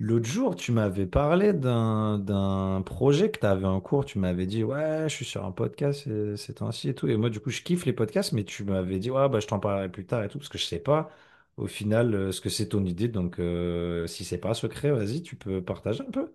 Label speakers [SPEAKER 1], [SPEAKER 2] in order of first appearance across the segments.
[SPEAKER 1] L'autre jour, tu m'avais parlé d'un projet que tu avais en cours. Tu m'avais dit, ouais, je suis sur un podcast ces temps-ci et tout. Et moi, du coup, je kiffe les podcasts, mais tu m'avais dit, ouais, bah, je t'en parlerai plus tard et tout, parce que je sais pas au final ce que c'est ton idée. Donc, si c'est pas secret, vas-y, tu peux partager un peu.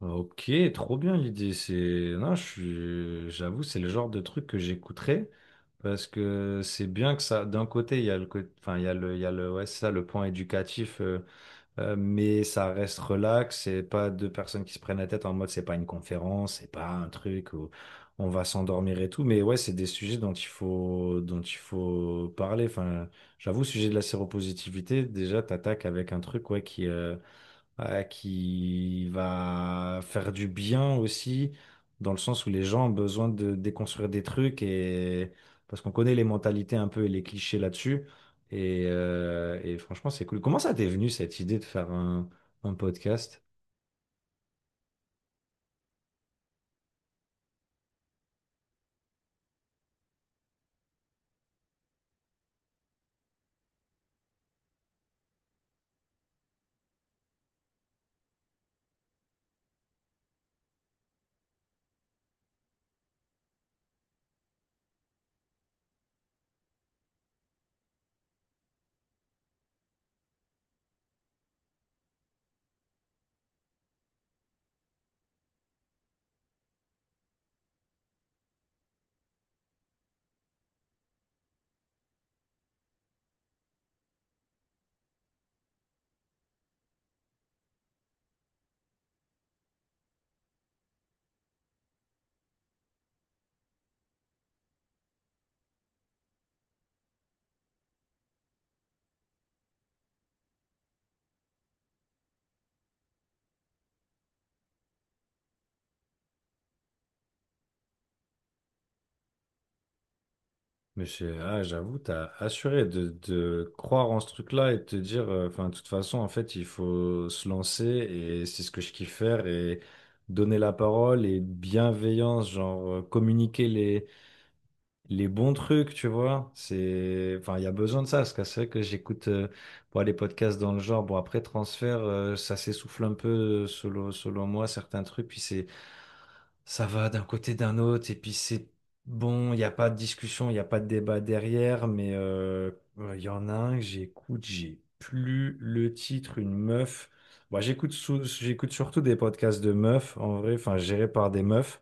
[SPEAKER 1] Ok, trop bien l'idée. C'est non, j'avoue, c'est le genre de truc que j'écouterais parce que c'est bien que ça. D'un côté, il y a le côté, enfin, il y a le, il y a le, ouais, c'est ça, le point éducatif. Mais ça reste relax, c'est pas deux personnes qui se prennent la tête en mode, c'est pas une conférence, c'est pas un truc où on va s'endormir et tout, mais ouais, c'est des sujets dont il faut parler. Enfin, j'avoue, sujet de la séropositivité, déjà, t'attaques avec un truc ouais, qui va faire du bien aussi, dans le sens où les gens ont besoin de déconstruire des trucs, et parce qu'on connaît les mentalités un peu et les clichés là-dessus. Et franchement, c'est cool. Comment ça t'est venu cette idée de faire un podcast? Monsieur, ah, j'avoue, t'as assuré de croire en ce truc-là et de te dire, enfin, de toute façon, en fait, il faut se lancer et c'est ce que je kiffe faire et donner la parole et bienveillance, genre communiquer les bons trucs, tu vois. C'est, enfin, il y a besoin de ça, parce que c'est vrai que j'écoute bon, les podcasts dans le genre. Bon, après transfert, ça s'essouffle un peu selon moi certains trucs. Puis c'est ça va d'un côté d'un autre et puis c'est bon, il n'y a pas de discussion, il n'y a pas de débat derrière, mais il y en a un que j'écoute, j'ai plus le titre, une meuf. Moi, j'écoute surtout des podcasts de meufs, en vrai, enfin gérés par des meufs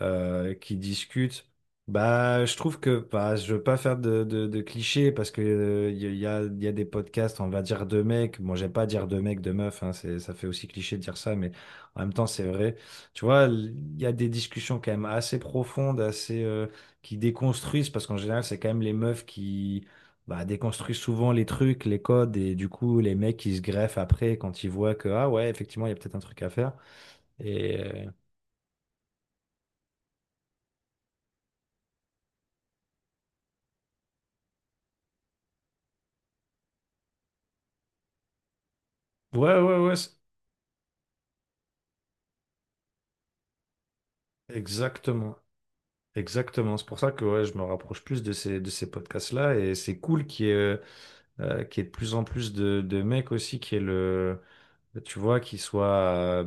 [SPEAKER 1] qui discutent. Bah, je trouve que bah, je veux pas faire de, de clichés parce que il y, a, il y a des podcasts, on va dire de mecs. Bon, j'aime pas dire de mecs, de meufs, hein, c'est, ça fait aussi cliché de dire ça, mais en même temps, c'est vrai. Tu vois, il y a des discussions quand même assez profondes, assez qui déconstruisent, parce qu'en général, c'est quand même les meufs qui bah, déconstruisent souvent les trucs, les codes, et du coup, les mecs, ils se greffent après quand ils voient que, ah ouais, effectivement, il y a peut-être un truc à faire. Et ouais, ouais, ouais, exactement. Exactement. C'est pour ça que ouais, je me rapproche plus de ces podcasts-là, et c'est cool qu'il y ait de plus en plus de mecs aussi qui aient le tu vois, qu'ils soient euh,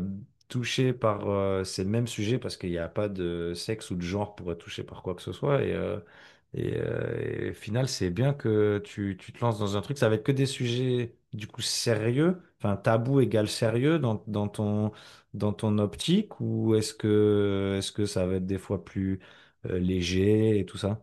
[SPEAKER 1] touchés par ces mêmes sujets parce qu'il n'y a pas de sexe ou de genre pour être touché par quoi que ce soit. Et, et au final, c'est bien que tu te lances dans un truc. Ça va être que des sujets, du coup, sérieux. Enfin, tabou égale sérieux dans ton optique, ou est-ce que ça va être des fois plus léger et tout ça?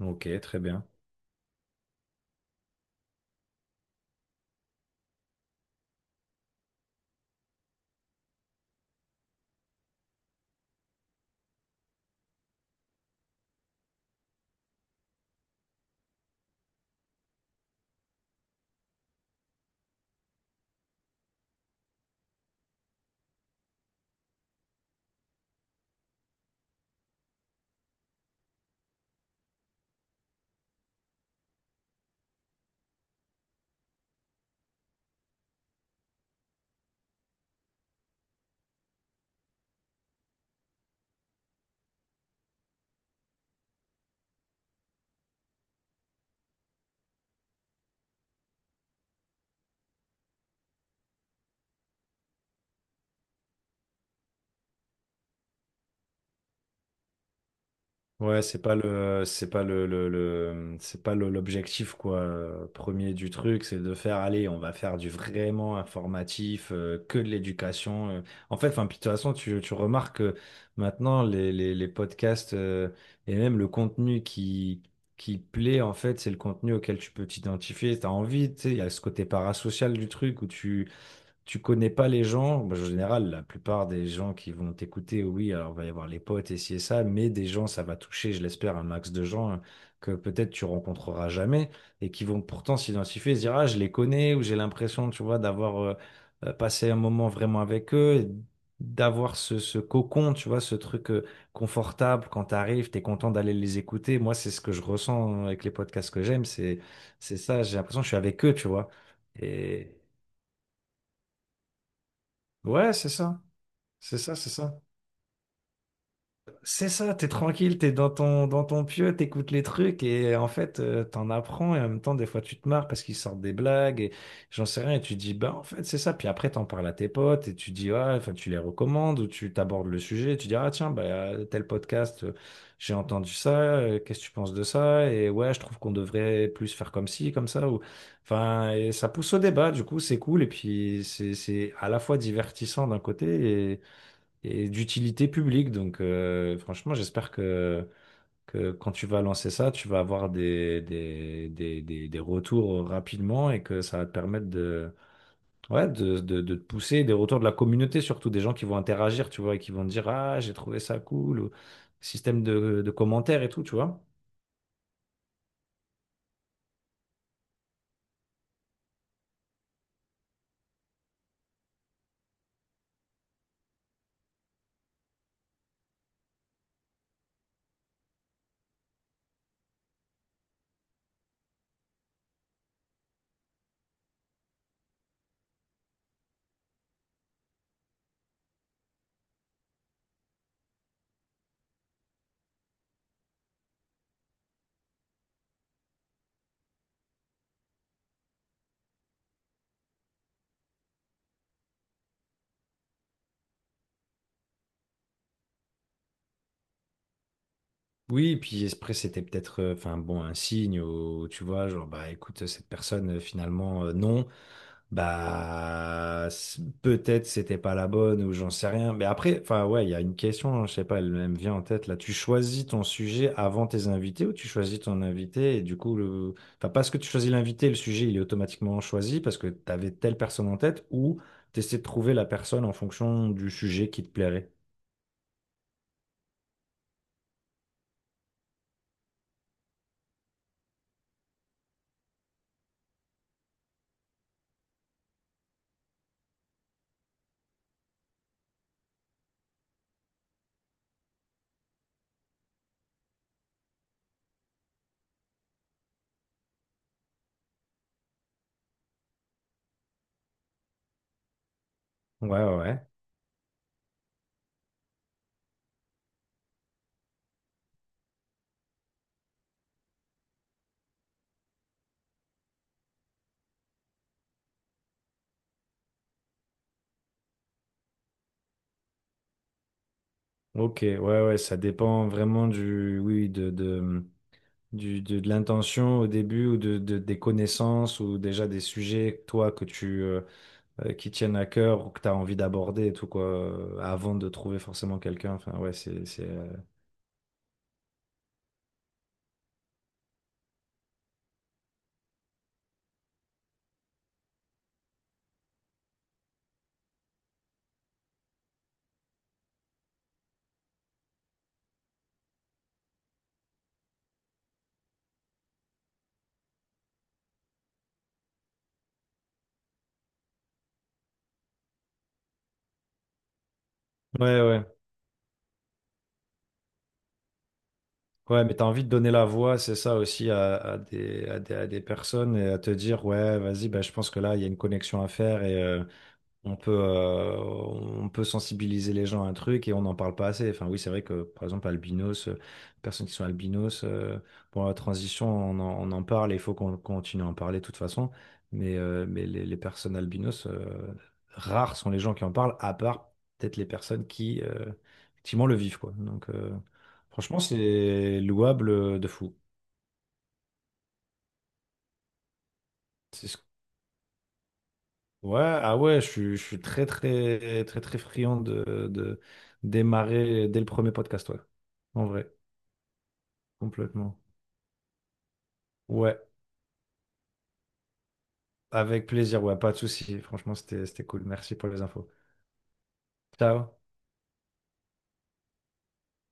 [SPEAKER 1] Ok, très bien. Ouais, c'est pas le, le- c'est pas le- l'objectif quoi premier du truc, c'est de faire allez, on va faire du vraiment informatif, que de l'éducation. En fait, enfin, puis de toute façon, tu remarques que maintenant les podcasts et même le contenu qui plaît en fait, c'est le contenu auquel tu peux t'identifier, t'as envie, tu sais, il y a ce côté parasocial du truc où tu connais pas les gens, bah, en général, la plupart des gens qui vont t'écouter, oui, alors il va y avoir les potes et ci et ça, mais des gens, ça va toucher, je l'espère, un max de gens hein, que peut-être tu rencontreras jamais et qui vont pourtant s'identifier et se dire, ah, je les connais ou j'ai l'impression, tu vois, d'avoir passé un moment vraiment avec eux. D'avoir ce cocon, tu vois, ce truc confortable quand t'arrives, t'es content d'aller les écouter. Moi, c'est ce que je ressens hein, avec les podcasts que j'aime, c'est ça, j'ai l'impression que je suis avec eux, tu vois. Et ouais, c'est ça. C'est ça, c'est ça. C'est ça, t'es tranquille, t'es dans ton pieu, t'écoutes les trucs et en fait, t'en apprends et en même temps, des fois, tu te marres parce qu'ils sortent des blagues et j'en sais rien et tu dis, bah, en fait, c'est ça. Puis après, t'en parles à tes potes et tu dis, ah, enfin, tu les recommandes ou tu t'abordes le sujet et tu dis, ah, tiens, bah, tel podcast, j'ai entendu ça, qu'est-ce que tu penses de ça? Et ouais, je trouve qu'on devrait plus faire comme ci, comme ça. Ou... Enfin, et ça pousse au débat, du coup, c'est cool et puis c'est à la fois divertissant d'un côté et d'utilité publique. Donc, franchement, j'espère que quand tu vas lancer ça, tu vas avoir des retours rapidement et que ça va te permettre de, ouais, de te pousser, des retours de la communauté, surtout des gens qui vont interagir, tu vois, et qui vont te dire, ah, j'ai trouvé ça cool, ou système de commentaires et tout, tu vois. Oui, et puis après, c'était peut-être enfin bon un signe où tu vois, genre bah écoute, cette personne finalement non, peut-être c'était pas la bonne ou j'en sais rien. Mais après, enfin ouais, il y a une question, hein, je sais pas, elle, elle me vient en tête là. Tu choisis ton sujet avant tes invités ou tu choisis ton invité et du coup le enfin parce que tu choisis l'invité, le sujet il est automatiquement choisi parce que tu avais telle personne en tête ou tu de trouver la personne en fonction du sujet qui te plairait. Ouais, ouais. Ouais. Ok, ouais, ouais, ça dépend vraiment du, oui, de, de l'intention au début ou de, des connaissances ou déjà des sujets, toi, que tu, qui tiennent à cœur ou que tu as envie d'aborder et tout, quoi, avant de trouver forcément quelqu'un. Enfin, ouais, ouais, ouais. Ouais, mais t'as envie de donner la voix, c'est ça aussi, à des, à des, à des personnes et à te dire, ouais, vas-y, bah, je pense que là, il y a une connexion à faire. On peut sensibiliser les gens à un truc et on n'en parle pas assez. Enfin, oui, c'est vrai que, par exemple, albinos, personnes qui sont albinos, pour la transition, on en parle et il faut qu'on continue à en parler de toute façon. Mais les personnes albinos, rares sont les gens qui en parlent, à part peut-être les personnes qui, effectivement, le vivent, quoi. Donc, franchement, c'est louable de fou. C'est ce ouais, ah ouais, je suis très, très, très, très friand de démarrer dès le premier podcast, ouais. En vrai, complètement. Ouais, avec plaisir, ouais, pas de souci. Franchement, c'était cool. Merci pour les infos. Ciao.